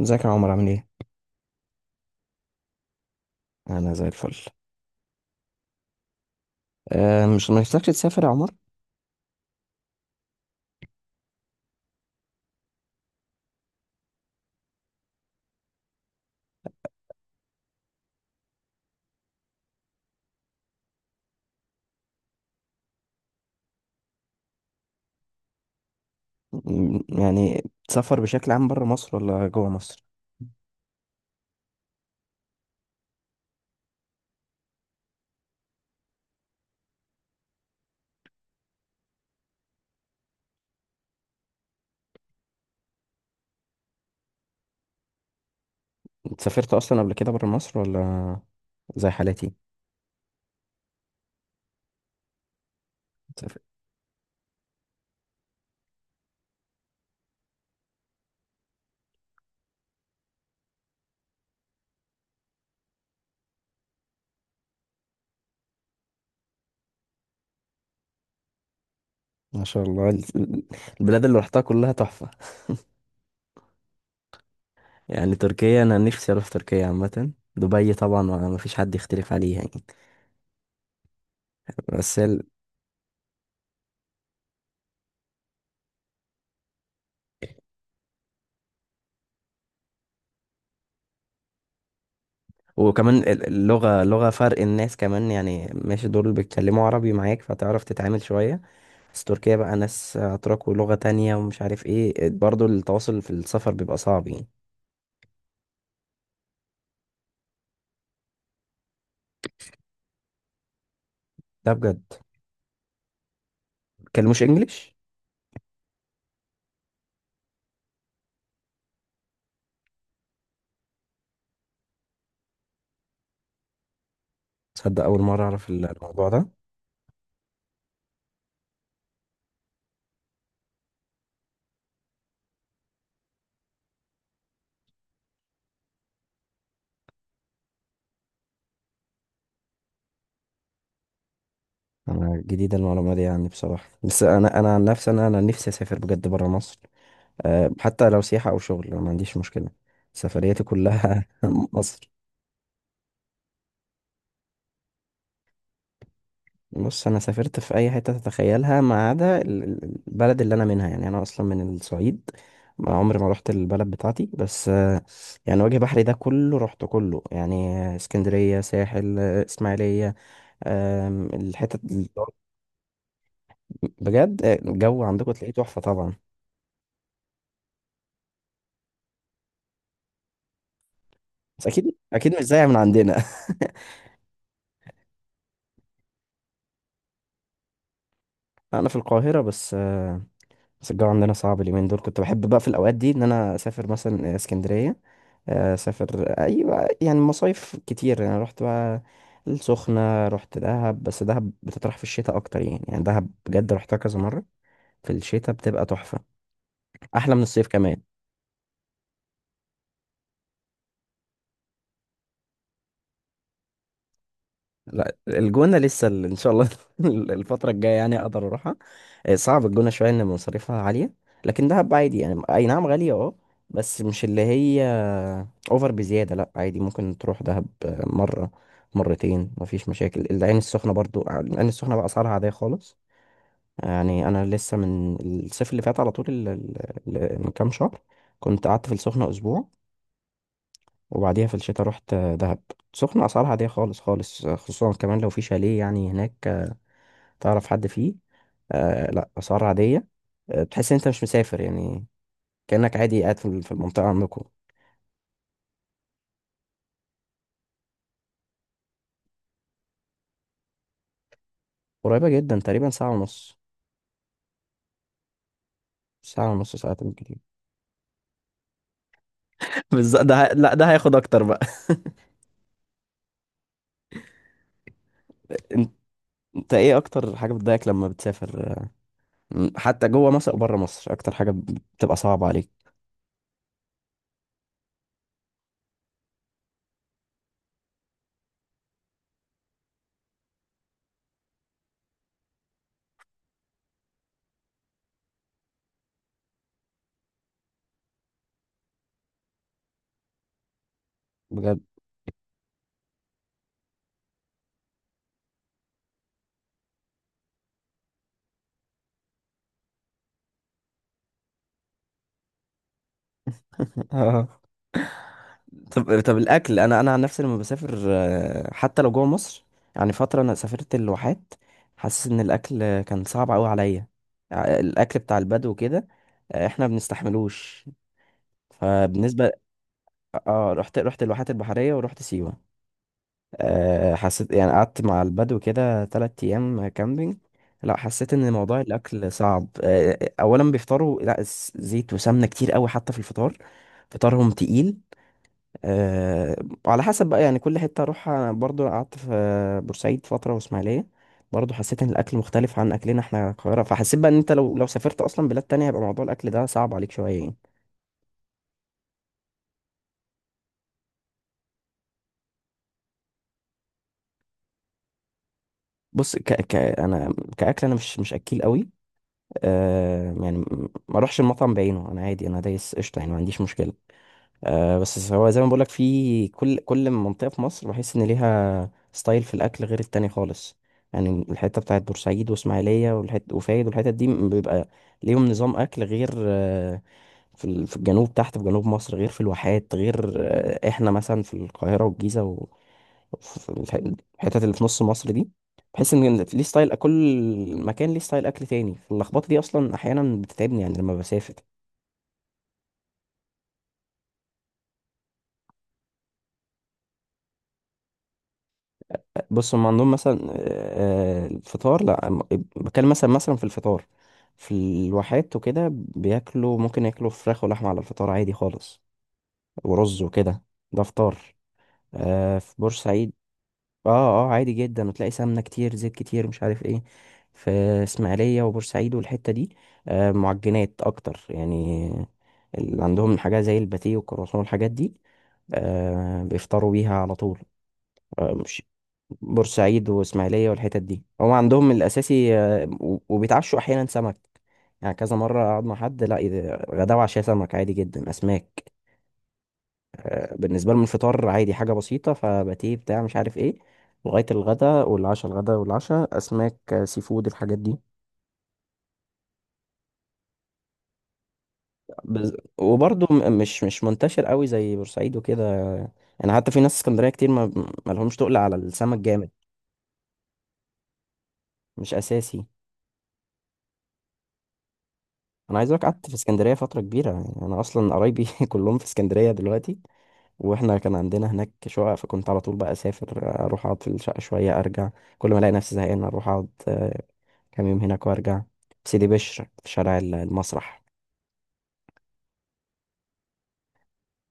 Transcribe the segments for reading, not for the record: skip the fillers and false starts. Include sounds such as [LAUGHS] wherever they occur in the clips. ازيك يا عمر عامل ايه؟ انا زي الفل. مش نفسكش تسافر يا عمر؟ يعني تسافر بشكل عام بره مصر ولا جوه مصر؟ انت سافرت اصلا قبل كده بره مصر ولا زي حالاتي؟ سافرت. ما شاء الله البلاد اللي رحتها كلها تحفة. [LAUGHS] يعني تركيا انا نفسي اروح تركيا، عامة دبي طبعا ما فيش حد يختلف عليها يعني. بس ال... وكمان اللغة لغة فرق الناس كمان، يعني ماشي دول بيتكلموا عربي معاك فتعرف تتعامل شوية. بس تركيا بقى ناس أتراك ولغة تانية ومش عارف ايه، برضو التواصل في السفر بيبقى صعب يعني. ده بجد. مبيتكلموش انجليش؟ تصدق أول مرة أعرف الموضوع ده. أنا جديدة المعلومة دي يعني بصراحة، بس أنا عن نفسي أنا نفسي أسافر بجد برا مصر. أه، حتى لو سياحة أو شغل أنا ما عنديش مشكلة. سفرياتي كلها [LAUGHS] مصر. بص، أنا سافرت في أي حتة تتخيلها، ما عدا البلد اللي أنا منها، يعني أنا أصلا من الصعيد. ما عمري ما رحت البلد بتاعتي، بس يعني وجه بحري ده كله رحت كله يعني. اسكندرية، ساحل، اسماعيلية. آم، الحتت اللي- بجد الجو عندكم تلاقيه تحفة طبعا. بس اكيد اكيد مش زي من عندنا. [LAUGHS] انا في القاهرة بس. بس الجو عندنا صعب اليومين دول، كنت بحب بقى في الاوقات دي ان انا اسافر مثلا اسكندرية. اسافر، ايوه، يعني مصايف كتير، يعني رحت بقى السخنة، رحت دهب. بس دهب بتطرح في الشتاء اكتر يعني دهب بجد رحتها كذا مرة. في الشتاء بتبقى تحفة، احلى من الصيف كمان. لا الجونة لسه ان شاء الله [LAUGHS] الفترة الجاية يعني اقدر اروحها. صعب الجونة شوية ان مصاريفها عالية، لكن دهب عادي. يعني اي نعم غالية اه، بس مش اللي هي اوفر بزيادة، لا عادي ممكن تروح دهب مرة، مرتين، مفيش مشاكل. العين السخنة برضو، العين السخنة بقى اسعارها عادية خالص. يعني انا لسه من الصيف اللي فات على طول من كام شهر كنت قعدت في السخنة اسبوع، وبعديها في الشتاء رحت دهب. سخنة أسعارها عادية خالص خالص، خصوصا كمان لو في شاليه يعني هناك تعرف حد فيه. آه لا، أسعار عادية. آه تحس إن أنت مش مسافر يعني كأنك عادي قاعد في المنطقة عندكم. قريبة جدا، تقريبا ساعة ونص. ساعة ونص، ساعتين كتير. [LAUGHS] بالظبط، لا ده هياخد اكتر بقى. [LAUGHS] انت انت ايه اكتر حاجه بتضايقك لما بتسافر؟ حتى جوه مصر او بره مصر، اكتر حاجه بتبقى صعبه عليك؟ بجد. [LAUGHS] طب طب الاكل. انا عن نفسي لما بسافر حتى لو جوه مصر، يعني فتره انا سافرت الواحات، حاسس ان الاكل كان صعب قوي عليا. الاكل بتاع البدو كده احنا بنستحملوش. فبالنسبه، اه، رحت الواحات البحريه ورحت سيوه. حسيت يعني قعدت مع البدو كده 3 ايام كامبينج. لا حسيت ان موضوع الاكل صعب. اولا بيفطروا، لا زيت وسمنه كتير قوي حتى في الفطار. فطارهم تقيل. أه، على حسب بقى، يعني كل حتة أروحها، أنا برضو قعدت في بورسعيد فترة وإسماعيلية، برضو حسيت إن الأكل مختلف عن أكلنا إحنا القاهرة، فحسيت بقى إن أنت لو سافرت أصلا بلاد تانية هيبقى موضوع الأكل ده صعب عليك شوية يعني. بص، ك ك أنا كأكل أنا مش أكيل قوي. أه يعني، ما أروحش المطعم بعينه، أنا عادي، أنا دايس قشطة يعني ما عنديش مشكلة. آه بس هو زي ما بقولك في كل منطقة في مصر بحس إن ليها ستايل في الأكل غير التاني خالص. يعني الحتة بتاعت بورسعيد وإسماعيلية والحت وفايد والحتت دي بيبقى ليهم نظام أكل غير. آه في الجنوب تحت، في جنوب مصر غير، في الواحات غير. آه إحنا مثلا في القاهرة والجيزة وفي الحتت اللي في نص مصر دي، بحس إن ليه ستايل، كل مكان ليه ستايل أكل تاني. اللخبطة دي أصلا أحيانا بتتعبني يعني لما بسافر. بص هم عندهم مثلا الفطار، لا بتكلم مثلا في الفطار في الواحات وكده بياكلوا، ممكن ياكلوا فراخ ولحمة على الفطار عادي خالص ورز وكده. ده فطار. في بورسعيد. اه. اه، عادي جدا، وتلاقي سمنة كتير زيت كتير مش عارف ايه. في اسماعيلية وبورسعيد والحتة دي معجنات اكتر يعني، اللي عندهم حاجة زي الباتيه والكرواسون والحاجات دي بيفطروا بيها على طول. بورسعيد واسماعيليه والحتت دي هم عندهم من الاساسي، وبيتعشوا احيانا سمك، يعني كذا مره اقعد مع حد، لا غدا وعشاء سمك عادي جدا، اسماك. بالنسبه لهم الفطار عادي حاجه بسيطه، فباتيه بتاع مش عارف ايه. لغايه الغدا والعشاء، الغدا والعشاء اسماك سي فود الحاجات دي. وبرضه مش منتشر قوي زي بورسعيد وكده. يعني حتى في ناس اسكندريه كتير ما لهمش تقل على السمك جامد، مش اساسي. انا عايز اقولك، قعدت في اسكندريه فتره كبيره، يعني انا اصلا قرايبي [LAUGHS] كلهم في اسكندريه دلوقتي. واحنا كان عندنا هناك شقق، فكنت على طول بقى اسافر اروح اقعد في الشقه شويه ارجع، كل ما الاقي نفسي زهقان اروح اقعد كام يوم هناك وارجع. في سيدي بشر في شارع المسرح.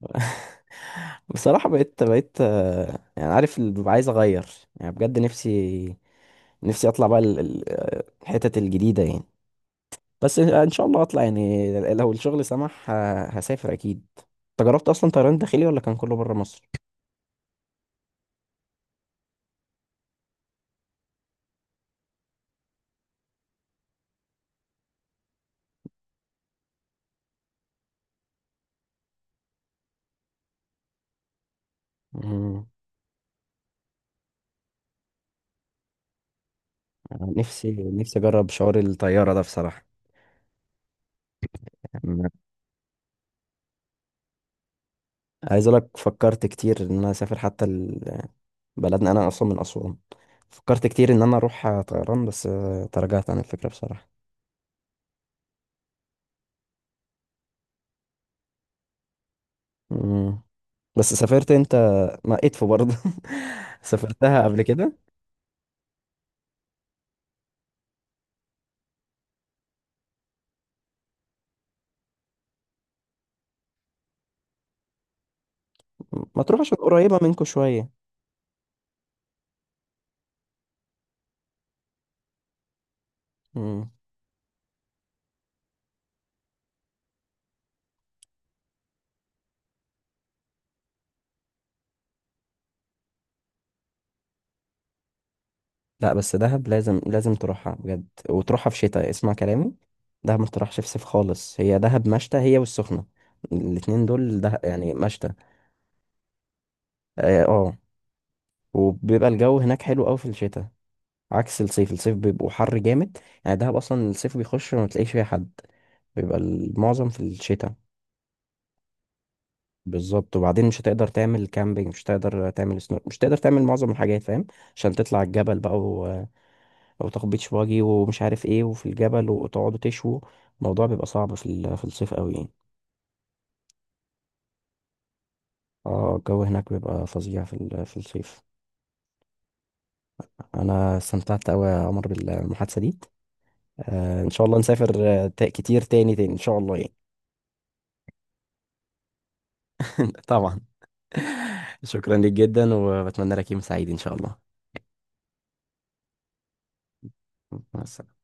[LAUGHS] بصراحه بقيت يعني عارف اللي ببقى عايز اغير، يعني بجد نفسي اطلع بقى الحتت الجديده يعني. بس ان شاء الله هطلع، يعني لو الشغل سمح هسافر اكيد. انت جربت اصلا طيران داخلي ولا كان كله بره مصر؟ مم. أنا نفسي اجرب شعور الطياره ده بصراحه. مم. عايز اقول لك، فكرت كتير ان انا اسافر حتى بلدنا، انا اصلا من اسوان، فكرت كتير ان انا اروح طيران بس تراجعت عن الفكره بصراحه. مم. بس سافرت انت ما ادفو برضه؟ [LAUGHS] سافرتها قبل كده، ما تروح عشان قريبه منكم شويه. مم. لا بس دهب لازم لازم تروحها بجد، وتروحها في شتاء، اسمع كلامي. دهب ما تروحش في صيف خالص، هي دهب مشتى، هي والسخنة الاتنين دول ده يعني مشتى. اه، آه. وبيبقى الجو هناك حلو قوي في الشتاء، عكس الصيف. الصيف بيبقوا حر جامد. يعني دهب اصلا الصيف بيخش ما تلاقيش فيها حد، بيبقى المعظم في الشتاء. بالظبط. وبعدين مش هتقدر تعمل كامبينج، مش هتقدر تعمل سنو، مش هتقدر تعمل معظم الحاجات فاهم، عشان تطلع الجبل بقى او تاخد بيتش باجي ومش عارف ايه وفي الجبل وتقعدوا تشوا. الموضوع بيبقى صعب في الصيف قوي يعني. اه الجو هناك بيبقى فظيع في الصيف. انا استمتعت قوي يا عمر بالمحادثة دي. آه ان شاء الله نسافر كتير تاني تاني ان شاء الله يعني. [LAUGHS] طبعا. [LAUGHS] شكرا ليك جدا، وبتمنى لك يوم سعيد ان شاء الله. مع السلامة.